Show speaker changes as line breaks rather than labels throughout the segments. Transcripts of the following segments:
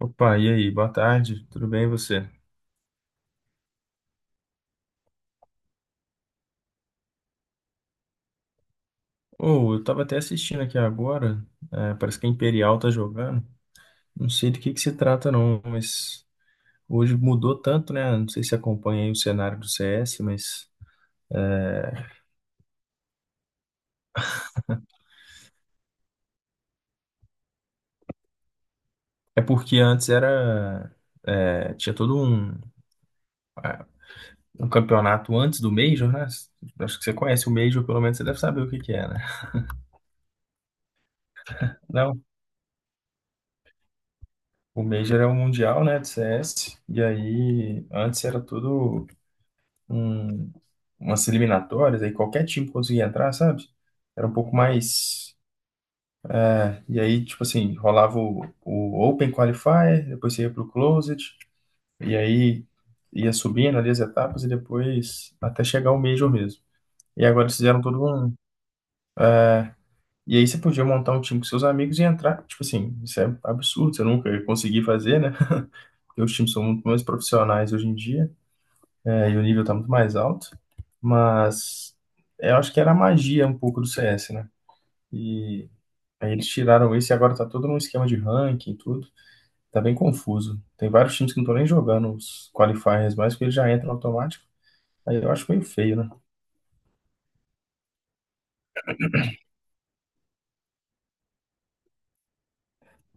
Opa, e aí? Boa tarde, tudo bem e você? Ou eu tava até assistindo aqui agora, parece que a Imperial tá jogando. Não sei do que se trata não, mas hoje mudou tanto, né? Não sei se acompanha aí o cenário do CS, mas é é porque antes era tinha todo um, ah, um campeonato antes do Major, né? Acho que você conhece o Major, pelo menos você deve saber o que que é, né? Não, o Major é o Mundial, né, de CS, e aí antes era tudo um- umas eliminatórias, aí qualquer time conseguia entrar, sabe? Era um pouco mais. E aí, tipo assim, rolava o Open Qualifier, depois você ia pro Closed, e aí ia subindo ali as etapas e depois até chegar o Major mesmo. E agora eles fizeram todo um. E aí você podia montar um time com seus amigos e entrar. Tipo assim, isso é absurdo, você nunca ia conseguir fazer, né? Porque os times são muito mais profissionais hoje em dia. E o nível tá muito mais alto. Mas eu acho que era a magia um pouco do CS, né? E aí eles tiraram esse e agora tá todo num esquema de ranking e tudo. Tá bem confuso. Tem vários times que não estão nem jogando os qualifiers mais, porque eles já entram automático. Aí eu acho meio feio, né?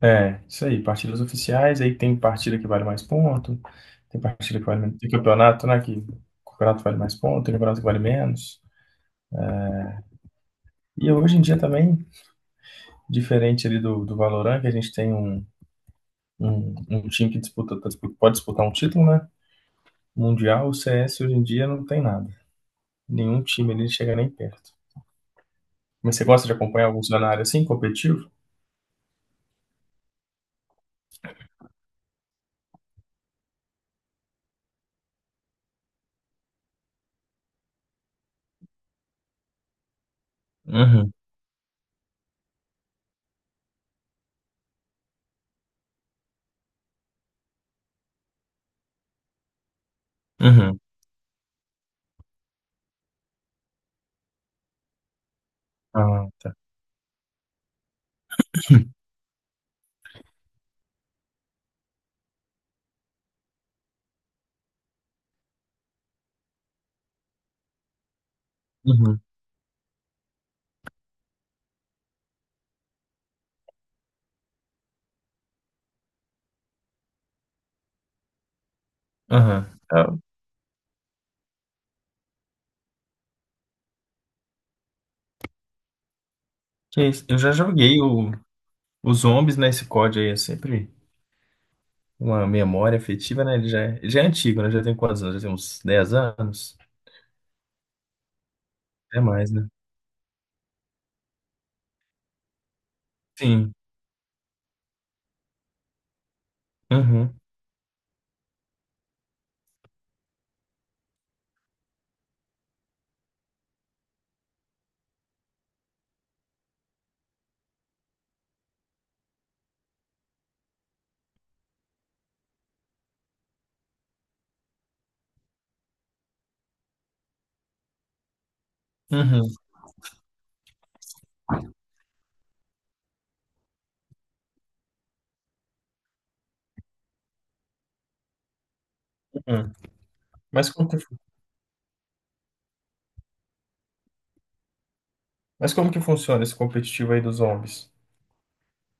É, isso aí, partidas oficiais, aí tem partida que vale mais ponto, tem partida que vale menos, tem campeonato, né, que campeonato vale mais ponto, tem campeonato que vale menos. E hoje em dia também, diferente ali do Valorant, que a gente tem um, um time que disputa, pode disputar um título, né? Mundial, o CS hoje em dia não tem nada. Nenhum time ali chega nem perto. Mas você gosta de acompanhar algum cenário assim, competitivo? Uhum, uhum. Ah, tá. Uhum, uhum. Ah, que isso. Eu já joguei os zombies, né? Esse código aí é sempre uma memória afetiva, né? Ele já, já é antigo, né? Já tem quantos anos? Já tem uns 10 anos? É mais, né? Sim. Uhum, uhum, uhum. Mas como que, mas como que funciona esse competitivo aí dos zombies?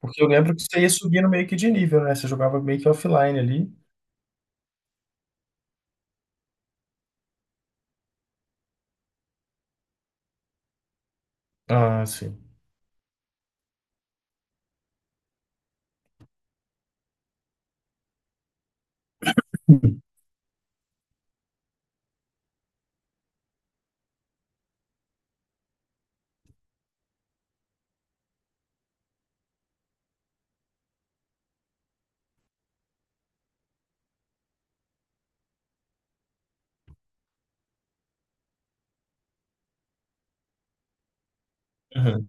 Porque eu lembro que você ia subindo meio que de nível, né? Você jogava meio que offline ali. Ah, sim. Uhum.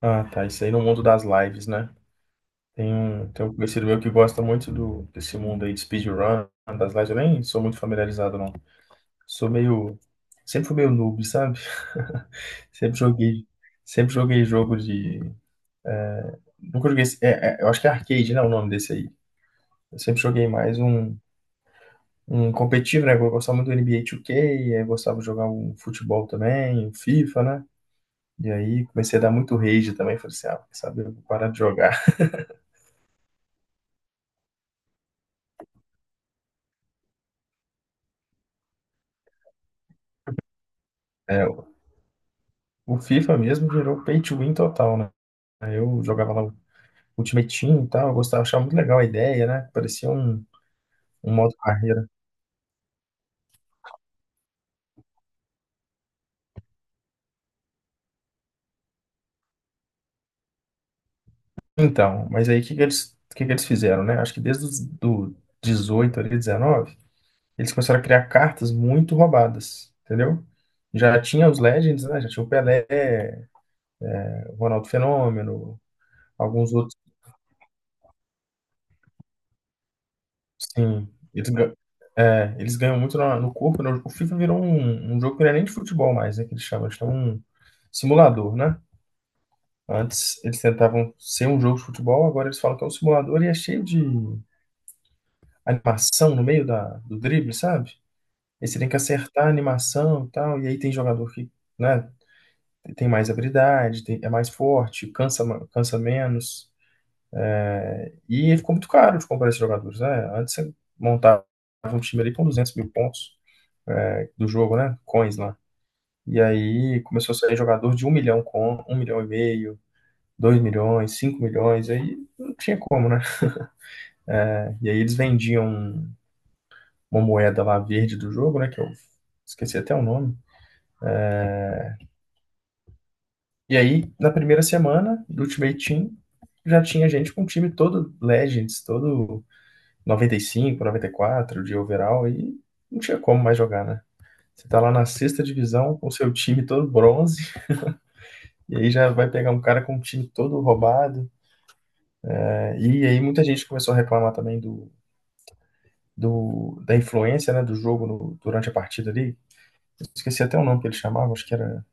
Ah, tá. Isso aí no mundo das lives, né? Tem um conhecido meu que gosta muito do, desse mundo aí de speedrun, das lives. Eu nem sou muito familiarizado, não. Sou meio. Sempre fui meio noob, sabe? Sempre joguei. Sempre joguei jogo de. Nunca joguei. Eu acho que é arcade, né? O nome desse aí. Eu sempre joguei mais um, um competitivo, né? Eu gostava muito do NBA 2K, aí eu gostava de jogar um futebol também, um FIFA, né? E aí comecei a dar muito rage também. Falei assim, ah, quer saber, eu vou parar de jogar. É, o FIFA mesmo virou pay to win total, né? Aí eu jogava lá o Ultimate Team e tal, eu gostava, achava muito legal a ideia, né? Parecia um, um modo carreira. Então, mas aí o que que eles, o que que eles fizeram, né? Acho que desde os do 18 ali, 19 eles começaram a criar cartas muito roubadas, entendeu? Já tinha os Legends, né? Já tinha o Pelé, o Ronaldo Fenômeno, alguns outros. Sim, eles, ga- eles ganham muito no corpo, né? O FIFA virou um, um jogo que não é nem de futebol mais, né? Que eles chamam, eles têm um simulador, né? Antes eles tentavam ser um jogo de futebol, agora eles falam que é um simulador e é cheio de animação no meio da, do drible, sabe? Aí você tem que acertar a animação e tal, e aí tem jogador que, né, tem mais habilidade, é mais forte, cansa, cansa menos. E ficou muito caro de comprar esses jogadores, né? Antes você montava um time ali com 200 mil pontos. Do jogo, né? Coins lá. E aí começou a sair jogador de um milhão com um milhão e meio, 2 milhões, 5 milhões, aí não tinha como, né? É, e aí eles vendiam uma moeda lá verde do jogo, né? Que eu esqueci até o nome. E aí, na primeira semana do Ultimate Team, já tinha gente com um time todo Legends, todo noventa noventa e cinco noventa e quatro de overall, e não tinha como mais jogar, né? Você tá lá na sexta divisão com o seu time todo bronze, e aí já vai pegar um cara com um time todo roubado. E aí muita gente começou a reclamar também do, do, da influência, né, do jogo durante a partida ali. Eu esqueci até o nome que ele chamava, acho que era...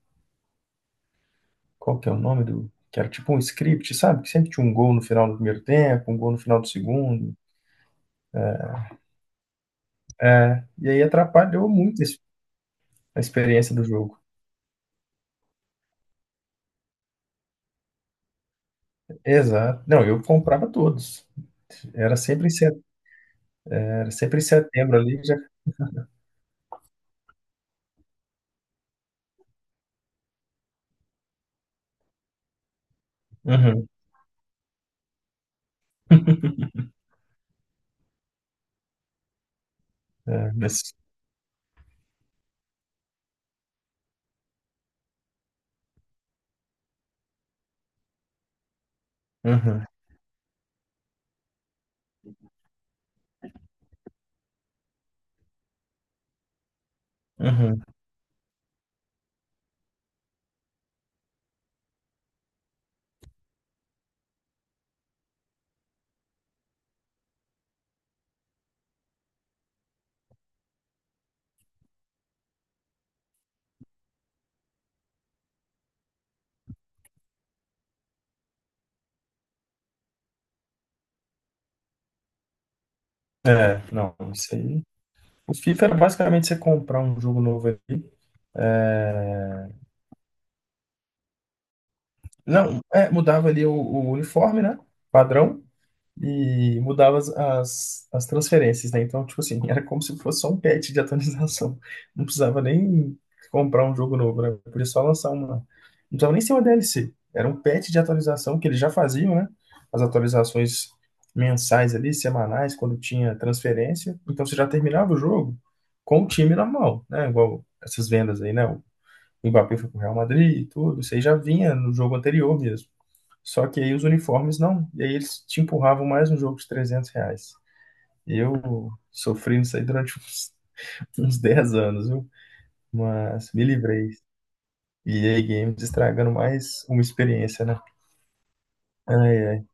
Qual que é o nome do... Que era tipo um script, sabe? Que sempre tinha um gol no final do primeiro tempo, um gol no final do segundo. Né? E aí atrapalhou muito a experiência do jogo. Exato. Não, eu comprava todos. Era sempre em setembro, era sempre em setembro ali já. Uhum, é, mas- uhum, uhum. É, não, isso aí o FIFA era basicamente você comprar um jogo novo ali. É, não, é, mudava ali o uniforme, né? Padrão. E mudava as transferências, né? Então, tipo assim, era como se fosse só um patch de atualização. Não precisava nem comprar um jogo novo, né? Podia só lançar uma. Não precisava nem ser uma DLC. Era um patch de atualização que eles já faziam, né? As atualizações mensais ali, semanais, quando tinha transferência. Então, você já terminava o jogo com o time na mão, né? Igual essas vendas aí, né? O Mbappé foi pro Real Madrid e tudo. Isso aí já vinha no jogo anterior mesmo. Só que aí os uniformes não. E aí eles te empurravam mais um jogo de 300 reais. Eu sofri isso aí durante uns, uns 10 anos, viu? Mas me livrei. E aí Games estragando mais uma experiência, né? Ai, ai.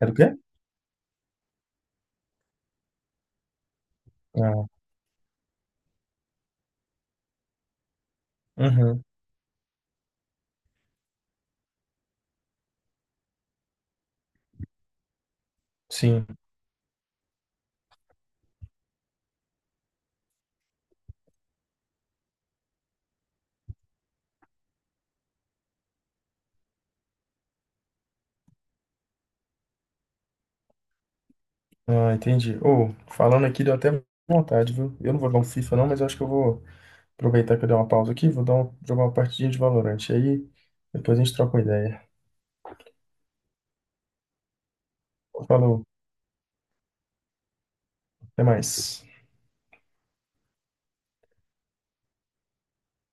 Era o quê? Ah, uhum, sim. Ah, entendi. Ô, falando aqui, deu até vontade, viu? Eu não vou dar um FIFA não, mas eu acho que eu vou aproveitar que eu dei uma pausa aqui, jogar uma partidinha de Valorant. Aí depois a gente troca uma ideia. Falou, até mais.